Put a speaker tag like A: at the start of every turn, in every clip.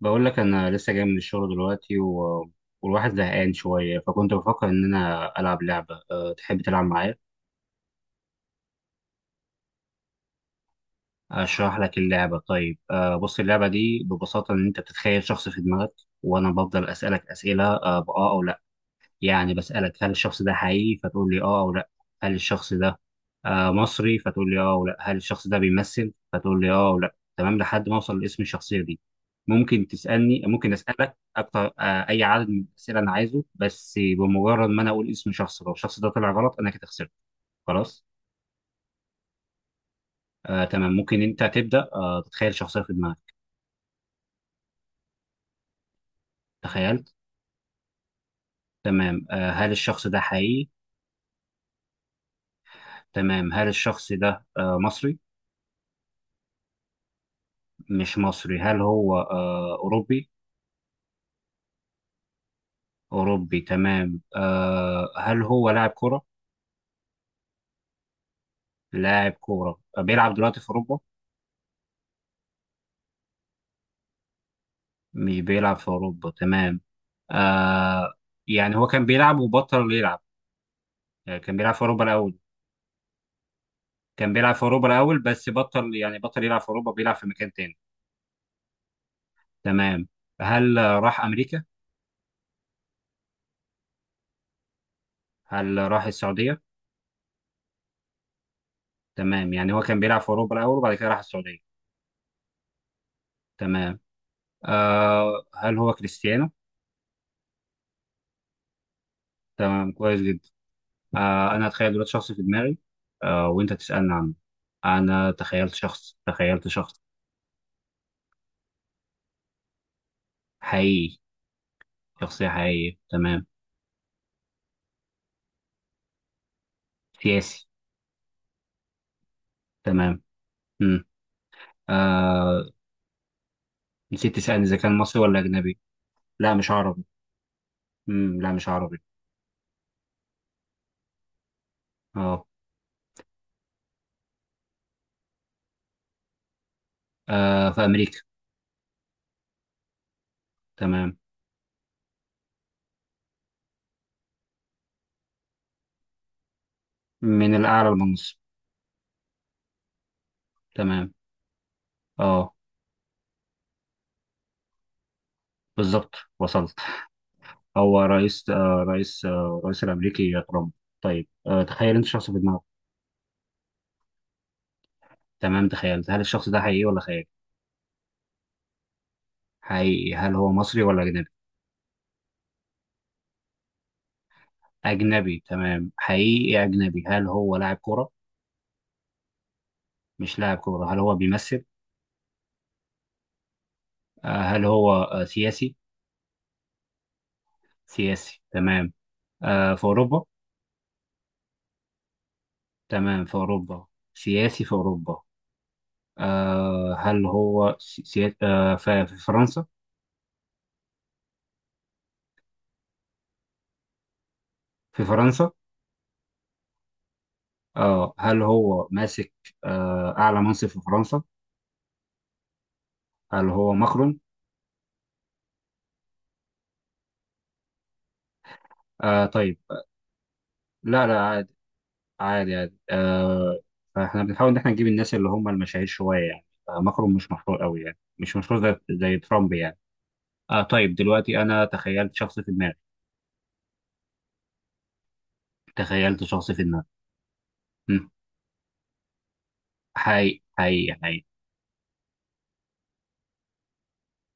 A: بقول لك انا لسه جاي من الشغل دلوقتي والواحد زهقان شويه، فكنت بفكر ان انا العب لعبه. تحب تلعب معايا؟ اشرح لك اللعبه. طيب، بص، اللعبه دي ببساطه ان انت بتتخيل شخص في دماغك، وانا بفضل اسالك اسئله باه او لا. يعني بسألك هل الشخص ده حقيقي، فتقول لي اه او لا. هل الشخص ده مصري، فتقول لي اه او لا. هل الشخص ده بيمثل، فتقول لي اه او لا. تمام، لحد ما اوصل لاسم الشخصية دي. ممكن أسألك أكتر، أي عدد من الأسئلة أنا عايزه. بس بمجرد ما أنا أقول اسم شخص لو الشخص ده طلع غلط، أنا كده خسرت. خلاص. تمام، ممكن أنت تبدأ، تتخيل شخصية في دماغك. تخيلت. تمام، هل الشخص ده حقيقي؟ تمام، هل الشخص ده مصري؟ مش مصري. هل هو أوروبي؟ أوروبي، تمام. هل هو لاعب كرة؟ لاعب كرة، بيلعب دلوقتي في أوروبا؟ مش بيلعب في أوروبا، تمام. آه يعني هو كان بيلعب وبطل يلعب؟ يعني كان بيلعب في أوروبا الأول؟ كان بيلعب في أوروبا الأول، بس بطل يعني بطل يلعب في أوروبا، بيلعب في مكان تاني. تمام. هل راح أمريكا؟ هل راح السعودية؟ تمام، يعني هو كان بيلعب في أوروبا الأول وبعد كده راح السعودية. تمام. هل هو كريستيانو؟ تمام، كويس جدا. انا اتخيل دلوقتي شخص في دماغي، وانت تسالني عنه. انا تخيلت شخص تخيلت شخص. حقيقي، شخصيه حقيقيه، تمام. سياسي، تمام. امم آه نسيت تسالني اذا كان مصري ولا اجنبي. لا، مش عربي. لا، مش عربي. اه. في امريكا، تمام. من الاعلى للمنصب، تمام. اه، بالظبط وصلت. هو رئيس الامريكي ترامب. طيب، تخيل انت شخص في دماغك. تمام، تخيلت. هل الشخص ده حقيقي ولا خيال؟ حقيقي. هل هو مصري ولا أجنبي؟ أجنبي، تمام، حقيقي أجنبي. هل هو لاعب كرة؟ مش لاعب كرة. هل هو بيمثل؟ هل هو سياسي؟ سياسي، تمام. في أوروبا؟ تمام، في أوروبا، سياسي في أوروبا. هل هو في فرنسا؟ في فرنسا. هل هو ماسك أعلى منصب في فرنسا؟ هل هو ماكرون؟ طيب. لا لا، عادي عادي، فاحنا بنحاول ان احنا نجيب الناس اللي هم المشاهير شويه، يعني ماكرون مش مشهور قوي، يعني مش مشهور زي ترامب يعني. طيب، دلوقتي انا تخيلت شخص في دماغي. تخيلت شخص في دماغي. مم. حقيقي حقيقي حقيقي.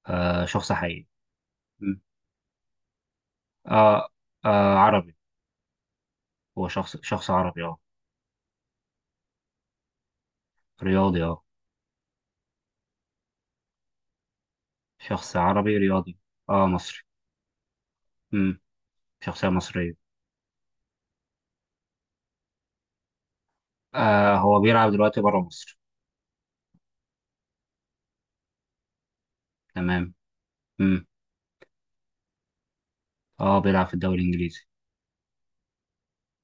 A: شخص حقيقي. مم. آه عربي. هو شخص عربي، اه. رياضي، اه. شخص عربي رياضي، اه. مصري. مم. شخصية مصرية. هو بيلعب دلوقتي بره مصر، تمام. مم. اه، بيلعب في الدوري الانجليزي.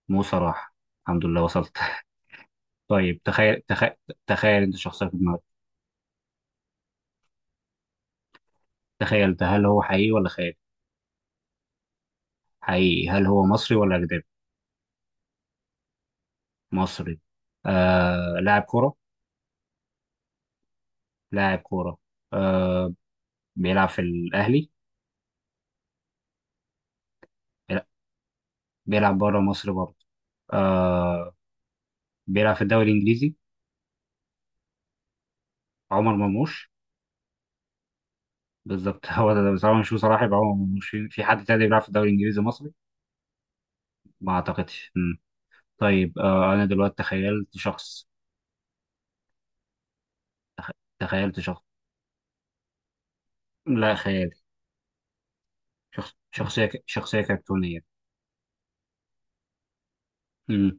A: مو صلاح. الحمد لله وصلت. طيب، تخيل تخيل. تخيل انت شخصيه في دماغك. تخيل ده، هل هو حقيقي ولا خيال؟ حقيقي. هل هو مصري ولا اجنبي؟ مصري. لاعب كوره. لاعب كوره. آه بيلعب في الاهلي. لا، بيلعب بره مصر برضه. آه بيلعب في الدوري الانجليزي. عمر مرموش. بالظبط هو ده. بس هو مش هو صلاح، يبقى عمر مرموش، في حد تاني بيلعب في الدوري الانجليزي مصري؟ ما اعتقدش. مم. طيب، انا دلوقتي تخيلت شخص. تخ- تخيلت شخص. لا، خيالي. شخصيه كرتونيه. مم.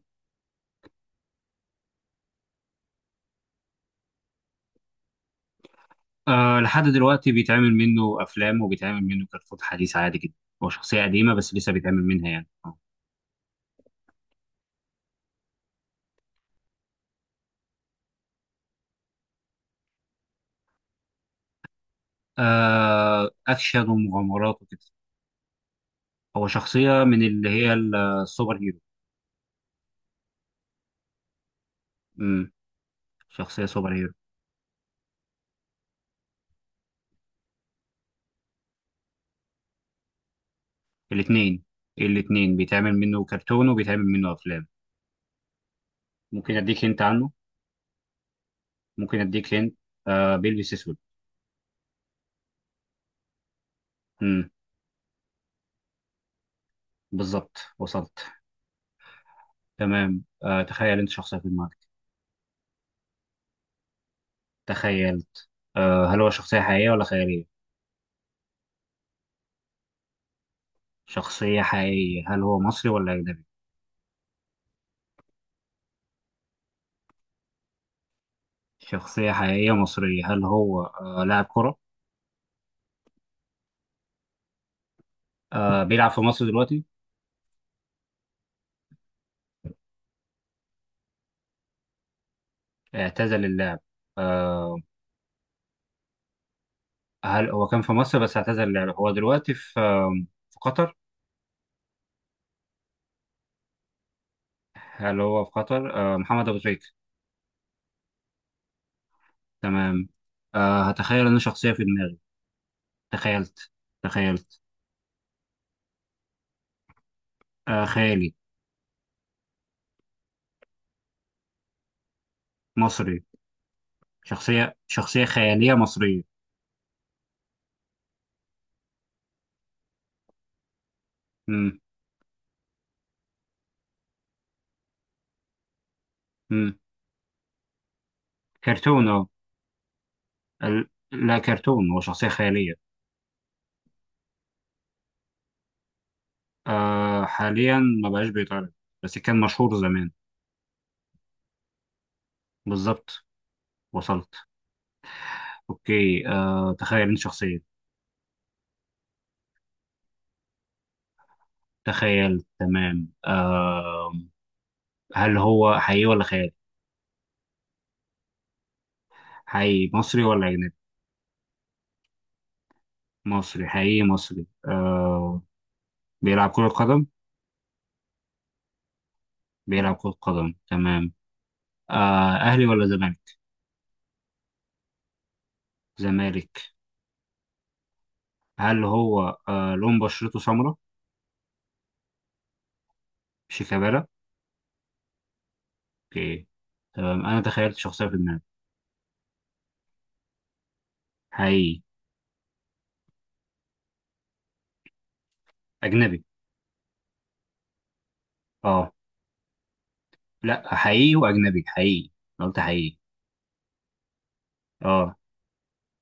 A: لحد دلوقتي بيتعمل منه افلام وبيتعمل منه كرتون حديث، عادي جدا. هو شخصيه قديمه بس لسه بيتعمل منها، يعني اكشن ومغامرات وكده. هو شخصيه من اللي هي السوبر هيرو. مم. شخصيه سوبر هيرو. الاثنين. الاثنين، بيتعمل منه كرتون وبيتعمل منه افلام. ممكن اديك هنت عنه. ممكن اديك هنت. بيلبس اسود. مم. بالظبط وصلت. تمام، تخيل انت شخصيه في دماغك. تخيلت. هل هو شخصيه حقيقيه ولا خياليه؟ شخصية حقيقية. هل هو مصري ولا أجنبي؟ شخصية حقيقية مصرية. هل هو لاعب كرة؟ بيلعب في مصر دلوقتي؟ اعتزل اللعب. آه هل هو كان في مصر بس اعتزل اللعب. هو دلوقتي في قطر؟ هل هو في قطر؟ محمد أبو تريكة. تمام. هتخيل إن شخصية في دماغي. تخيلت. تخيلت. خيالي. مصري. شخصية خيالية مصرية. مم. مم. كرتون، اه. لا، كرتون، هو شخصية خيالية. حاليا ما بقاش بيتعرض، بس كان مشهور زمان. بالظبط وصلت. اوكي، تخيل انت شخصية. تخيل، تمام. هل هو حقيقي ولا خيال؟ حقيقي. مصري ولا اجنبي؟ مصري، حقيقي مصري. بيلعب كرة قدم. بيلعب كرة قدم، تمام. اهلي ولا زمالك؟ زمالك. هل هو لون بشرته سمراء؟ شيكابالا. اوكي، تمام، انا تخيلت شخصية في دماغي. حقيقي. اجنبي، اه. لا، حقيقي واجنبي، حقيقي. أنا قلت حقيقي. اه،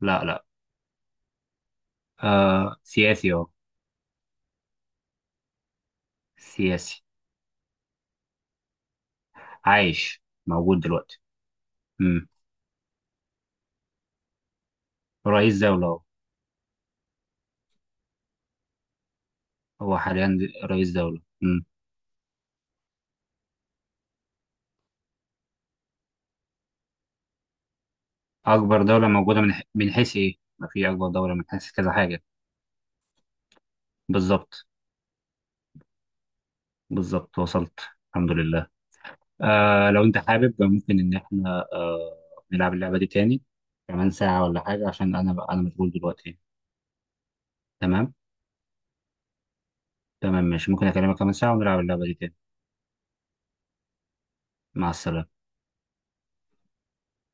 A: لا لا. سياسي، اه. سياسي. عايش، موجود دلوقتي. امم رئيس دولة، اه. هو حاليا رئيس دولة. اكبر دولة موجودة من من حيث ايه؟ ما في اكبر دولة من حيث كذا حاجة. بالظبط. بالظبط وصلت. الحمد لله. لو انت حابب ممكن ان احنا نلعب اللعبة دي تاني كمان ساعة ولا حاجة، عشان انا مشغول دلوقتي. تمام. تمام، ماشي، ممكن اكلمك كمان ساعة ونلعب اللعبة دي تاني. مع السلامة.